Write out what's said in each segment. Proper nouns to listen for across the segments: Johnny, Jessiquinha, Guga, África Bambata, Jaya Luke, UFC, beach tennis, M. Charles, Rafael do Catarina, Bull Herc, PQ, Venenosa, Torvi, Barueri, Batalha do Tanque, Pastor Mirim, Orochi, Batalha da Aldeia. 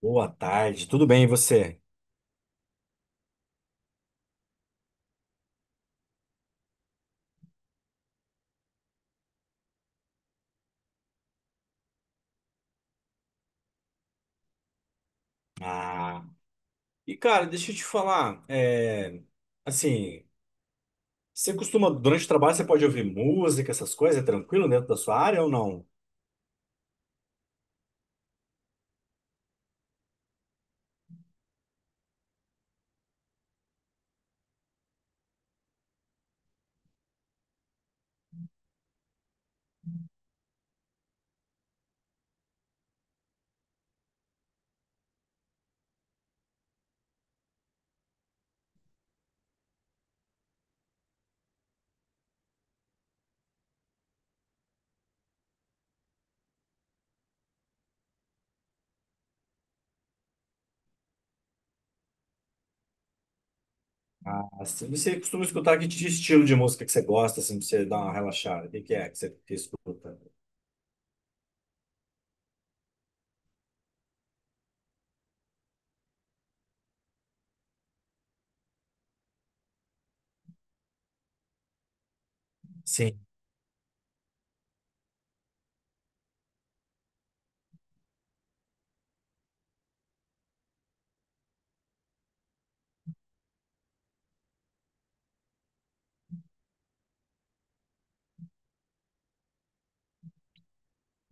Boa tarde, tudo bem e você? Ah, e cara, deixa eu te falar, assim, você costuma, durante o trabalho, você pode ouvir música, essas coisas, é tranquilo dentro da sua área ou não? Ah, assim, você costuma escutar que tipo de estilo de música que você gosta, assim, pra você dar uma relaxada? O que que é que você que escuta? Sim.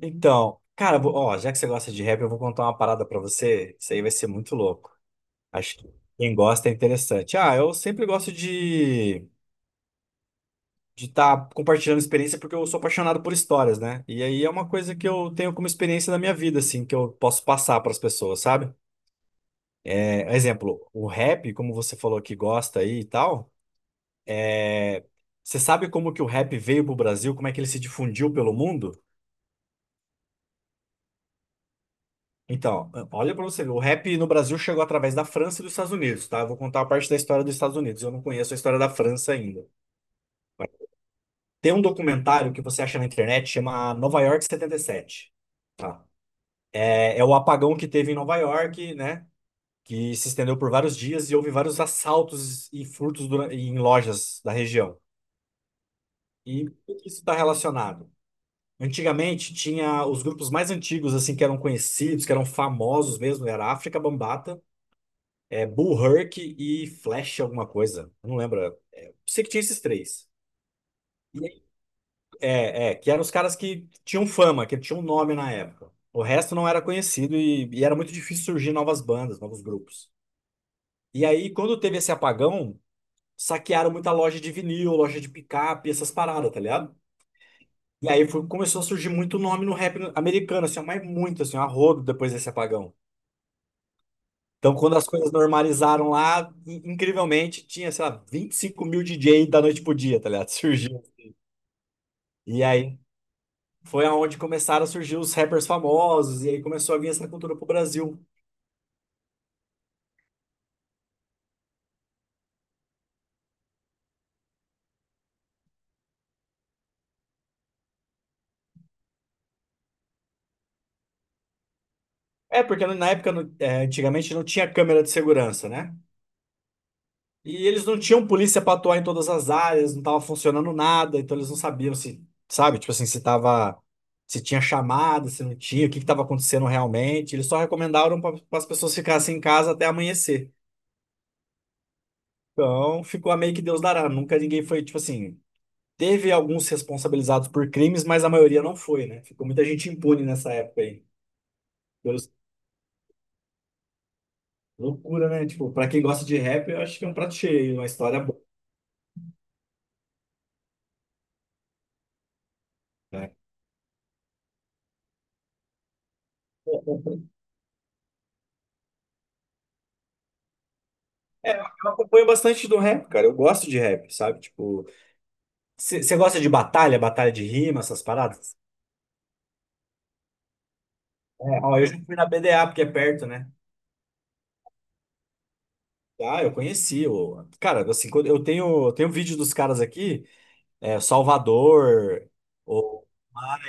Então, cara, ó, já que você gosta de rap, eu vou contar uma parada pra você, isso aí vai ser muito louco. Acho que quem gosta é interessante. Ah, eu sempre gosto de estar compartilhando experiência, porque eu sou apaixonado por histórias, né? E aí é uma coisa que eu tenho como experiência da minha vida, assim, que eu posso passar para as pessoas, sabe? É, exemplo, o rap, como você falou que gosta aí e tal, é, você sabe como que o rap veio pro Brasil, como é que ele se difundiu pelo mundo? Então, olha para você ver, o rap no Brasil chegou através da França e dos Estados Unidos, tá? Eu vou contar a parte da história dos Estados Unidos, eu não conheço a história da França ainda. Tem um documentário que você acha na internet, chama Nova York 77, tá? É, é o apagão que teve em Nova York, né? Que se estendeu por vários dias e houve vários assaltos e furtos em lojas da região. E por que isso está relacionado? Antigamente tinha os grupos mais antigos, assim, que eram conhecidos, que eram famosos mesmo, era África Bambata, é, Bull Herc e Flash alguma coisa. Eu não lembro. É, sei que tinha esses três. E aí- que eram os caras que tinham fama, que tinham nome na época. O resto não era conhecido e era muito difícil surgir novas bandas, novos grupos. E aí, quando teve esse apagão, saquearam muita loja de vinil, loja de picape, essas paradas, tá ligado? Começou a surgir muito nome no rap americano, assim, ó, mas muito, assim, ó, a rodo depois desse apagão. Então, quando as coisas normalizaram lá, incrivelmente, tinha, sei lá, 25 mil DJ da noite pro dia, tá ligado? Surgiu. E aí foi aonde começaram a surgir os rappers famosos, e aí começou a vir essa cultura pro Brasil. É, porque na época, antigamente, não tinha câmera de segurança, né? E eles não tinham polícia para atuar em todas as áreas, não tava funcionando nada, então eles não sabiam se, sabe, tipo assim, se tava, se tinha chamada, se não tinha, o que que tava acontecendo realmente. Eles só recomendaram para as pessoas ficassem em casa até amanhecer. Então, ficou a meio que Deus dará. Nunca ninguém foi, tipo assim, teve alguns responsabilizados por crimes, mas a maioria não foi, né? Ficou muita gente impune nessa época aí. Deus- Loucura, né? Tipo, para quem gosta de rap, eu acho que é um prato cheio, uma história boa, né? É, eu acompanho bastante do rap, cara. Eu gosto de rap, sabe? Tipo, você gosta de batalha, batalha de rima, essas paradas? É, ó, eu já fui na BDA, porque é perto, né? Ah, eu conheci. O... Cara, assim, eu tenho vídeo dos caras aqui, é, Salvador, o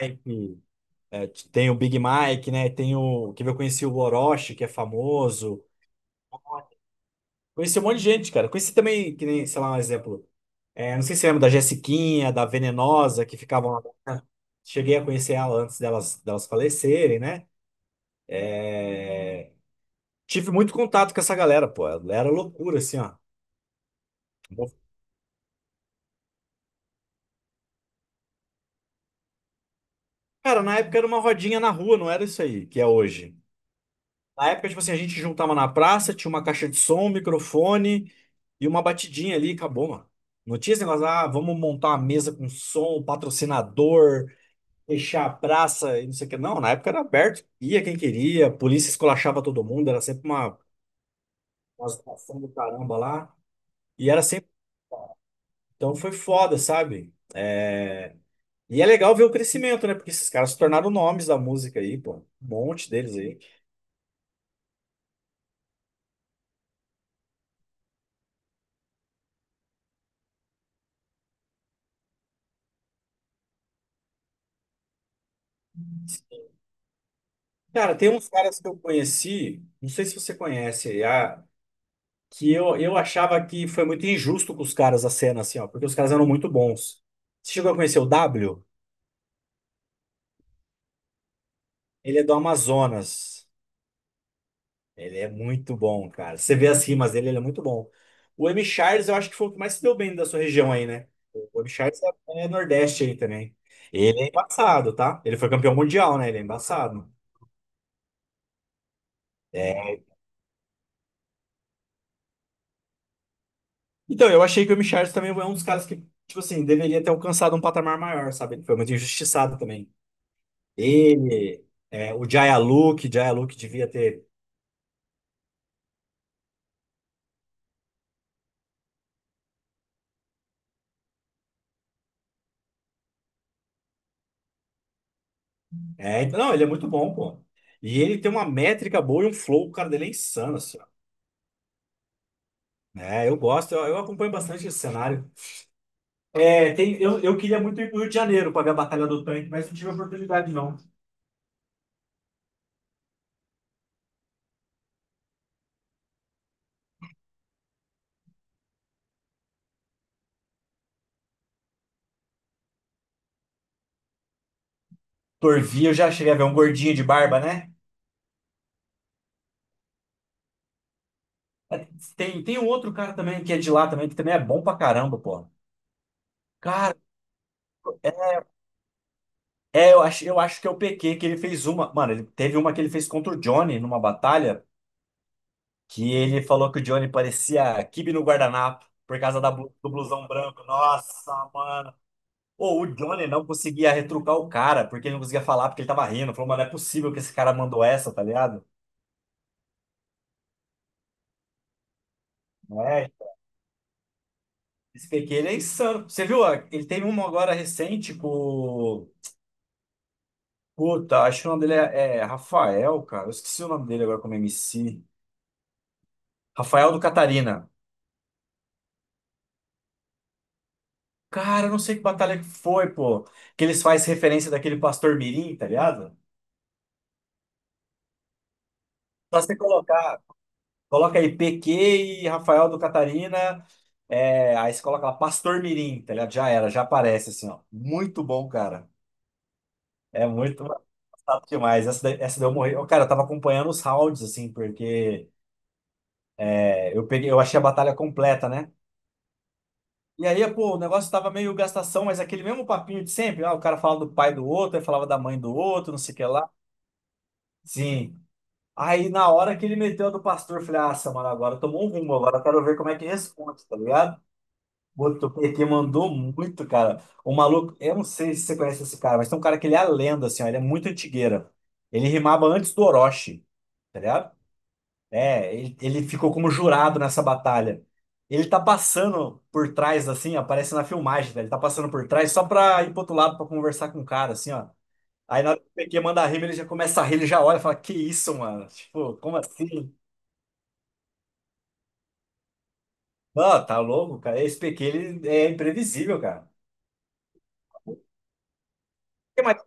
Mike, é, tem o Big Mike, né? Tem o que eu conheci o Orochi, que é famoso. Conheci um monte de gente, cara. Conheci também, que nem, sei lá, um exemplo. É, não sei se você lembra da Jessiquinha, da Venenosa, que ficavam lá, né? Cheguei a conhecer ela antes delas falecerem, né? É, tive muito contato com essa galera, pô. Era loucura, assim, ó. Cara, na época era uma rodinha na rua, não era isso aí que é hoje. Na época, tipo assim, a gente juntava na praça, tinha uma caixa de som, um microfone e uma batidinha ali, e acabou, mano. Não tinha esse negócio, ah, vamos montar uma mesa com som, patrocinador, fechar a praça e não sei o que. Não, na época era aberto, ia quem queria, a polícia esculachava todo mundo, era sempre uma situação do caramba lá. E era sempre. Então foi foda, sabe? É, e é legal ver o crescimento, né? Porque esses caras se tornaram nomes da música aí, pô. Um monte deles aí. Cara, tem uns caras que eu conheci, não sei se você conhece, que eu achava que foi muito injusto com os caras a cena, assim, ó, porque os caras eram muito bons. Você chegou a conhecer o W? Ele é do Amazonas. Ele é muito bom, cara. Você vê as rimas dele, ele é muito bom. O M. Charles, eu acho que foi o que mais se deu bem da sua região aí, né? O M. Charles é, é Nordeste aí também. Ele é embaçado, tá? Ele foi campeão mundial, né? Ele é embaçado. É. Então, eu achei que o M. Charles também é um dos caras que, tipo assim, deveria ter alcançado um patamar maior, sabe? Ele foi muito injustiçado também. Ele, é, o Jaya Luke, Jaya Luke devia ter. É, então, não, ele é muito bom, pô. E ele tem uma métrica boa e um flow, o cara dele é insano, assim. É, eu gosto, eu acompanho bastante esse cenário. É, tem, eu queria muito ir pro Rio de Janeiro pra ver a Batalha do Tanque, mas não tive a oportunidade, não. Torvi, eu já cheguei a ver um gordinho de barba, né? É, tem um outro cara também que é de lá também, que também é bom pra caramba, pô. Cara, é, eu acho que é o PQ que ele fez uma. Mano, ele teve uma que ele fez contra o Johnny numa batalha, que ele falou que o Johnny parecia quibe no guardanapo por causa da do blusão branco. Nossa, pô, o Johnny não conseguia retrucar o cara, porque ele não conseguia falar, porque ele tava rindo. Falou, mas não é possível que esse cara mandou essa, tá ligado? Não é? Esse PQ, ele é insano. Você viu? Ó, ele teve uma agora recente com. Puta, acho que o nome dele é, é Rafael, cara. Eu esqueci o nome dele agora como MC. Rafael do Catarina. Cara, eu não sei que batalha que foi, pô. Que eles fazem referência daquele pastor Mirim, tá ligado? Só você colocar. Coloca aí PQ e Rafael do Catarina. É, aí você coloca lá Pastor Mirim, tá ligado? Já era, já aparece assim, ó. Muito bom, cara. É muito engraçado demais. Essa, essa deu morrer. Ô, cara, eu tava acompanhando os rounds, assim, porque é, eu achei a batalha completa, né? E aí, pô, o negócio tava meio gastação, mas aquele mesmo papinho de sempre. Ah, o cara falava do pai do outro, aí falava da mãe do outro, não sei o que lá. Sim. Aí, na hora que ele meteu a do pastor, eu falei, ah, mano, agora tomou um rumo, agora eu quero ver como é que responde, tá ligado? Botou PT, mandou muito, cara. O maluco, eu não sei se você conhece esse cara, mas tem um cara que ele é a lenda, assim, ó, ele é muito antigueira. Ele rimava antes do Orochi, tá ligado? É, ele ficou como jurado nessa batalha. Ele tá passando por trás, assim, aparece na filmagem, velho. Ele tá passando por trás só pra ir pro outro lado pra conversar com o cara, assim, ó. Aí na hora que o PQ manda a rima, ele já começa a rir, ele já olha e fala: Que isso, mano? Tipo, como assim? Não, tá louco, cara. Esse PQ, ele é imprevisível, cara. O que mais?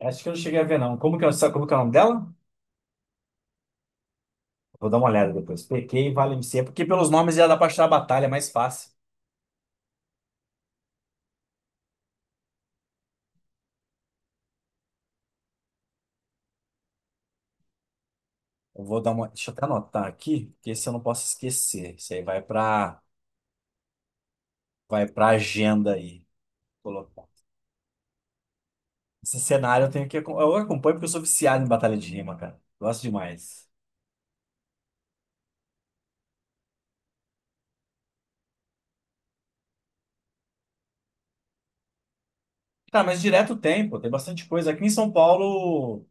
Acho que eu não cheguei a ver, não. Como que, sabe como que é o nome dela? Vou dar uma olhada depois. PK e Valencia, porque pelos nomes já dá pra achar a batalha mais fácil. Eu vou dar uma. Deixa eu até anotar aqui, porque esse eu não posso esquecer. Isso aí vai pra agenda aí. Colocar. Esse cenário eu tenho que. Eu acompanho porque eu sou viciado em batalha de rima, cara. Gosto demais. Tá, mas direto tem, pô. Tem bastante coisa. Aqui em São Paulo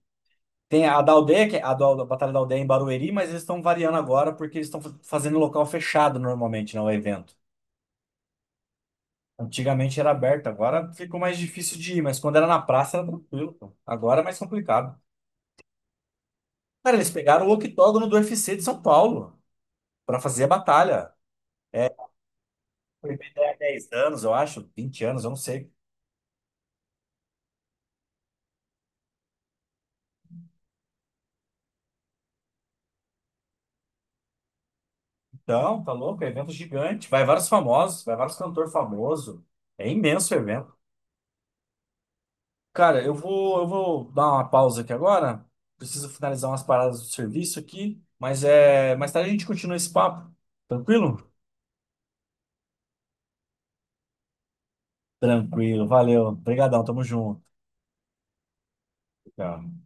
tem a da aldeia, que é a Batalha da Aldeia em Barueri, mas eles estão variando agora porque eles estão fazendo em local fechado normalmente, não é evento. Antigamente era aberto, agora ficou mais difícil de ir, mas quando era na praça era tranquilo, pô. Agora é mais complicado. Cara, eles pegaram o octógono do UFC de São Paulo para fazer a batalha. Foi evento há 10 anos, eu acho, 20 anos, eu não sei. Então, tá louco, é evento gigante. Vai vários famosos, vai vários cantores famosos. É imenso o evento. Cara, eu vou dar uma pausa aqui agora. Preciso finalizar umas paradas do serviço aqui, mas é, mais tarde a gente continua esse papo. Tranquilo? Tranquilo, valeu. Obrigadão, tamo junto. Tchau.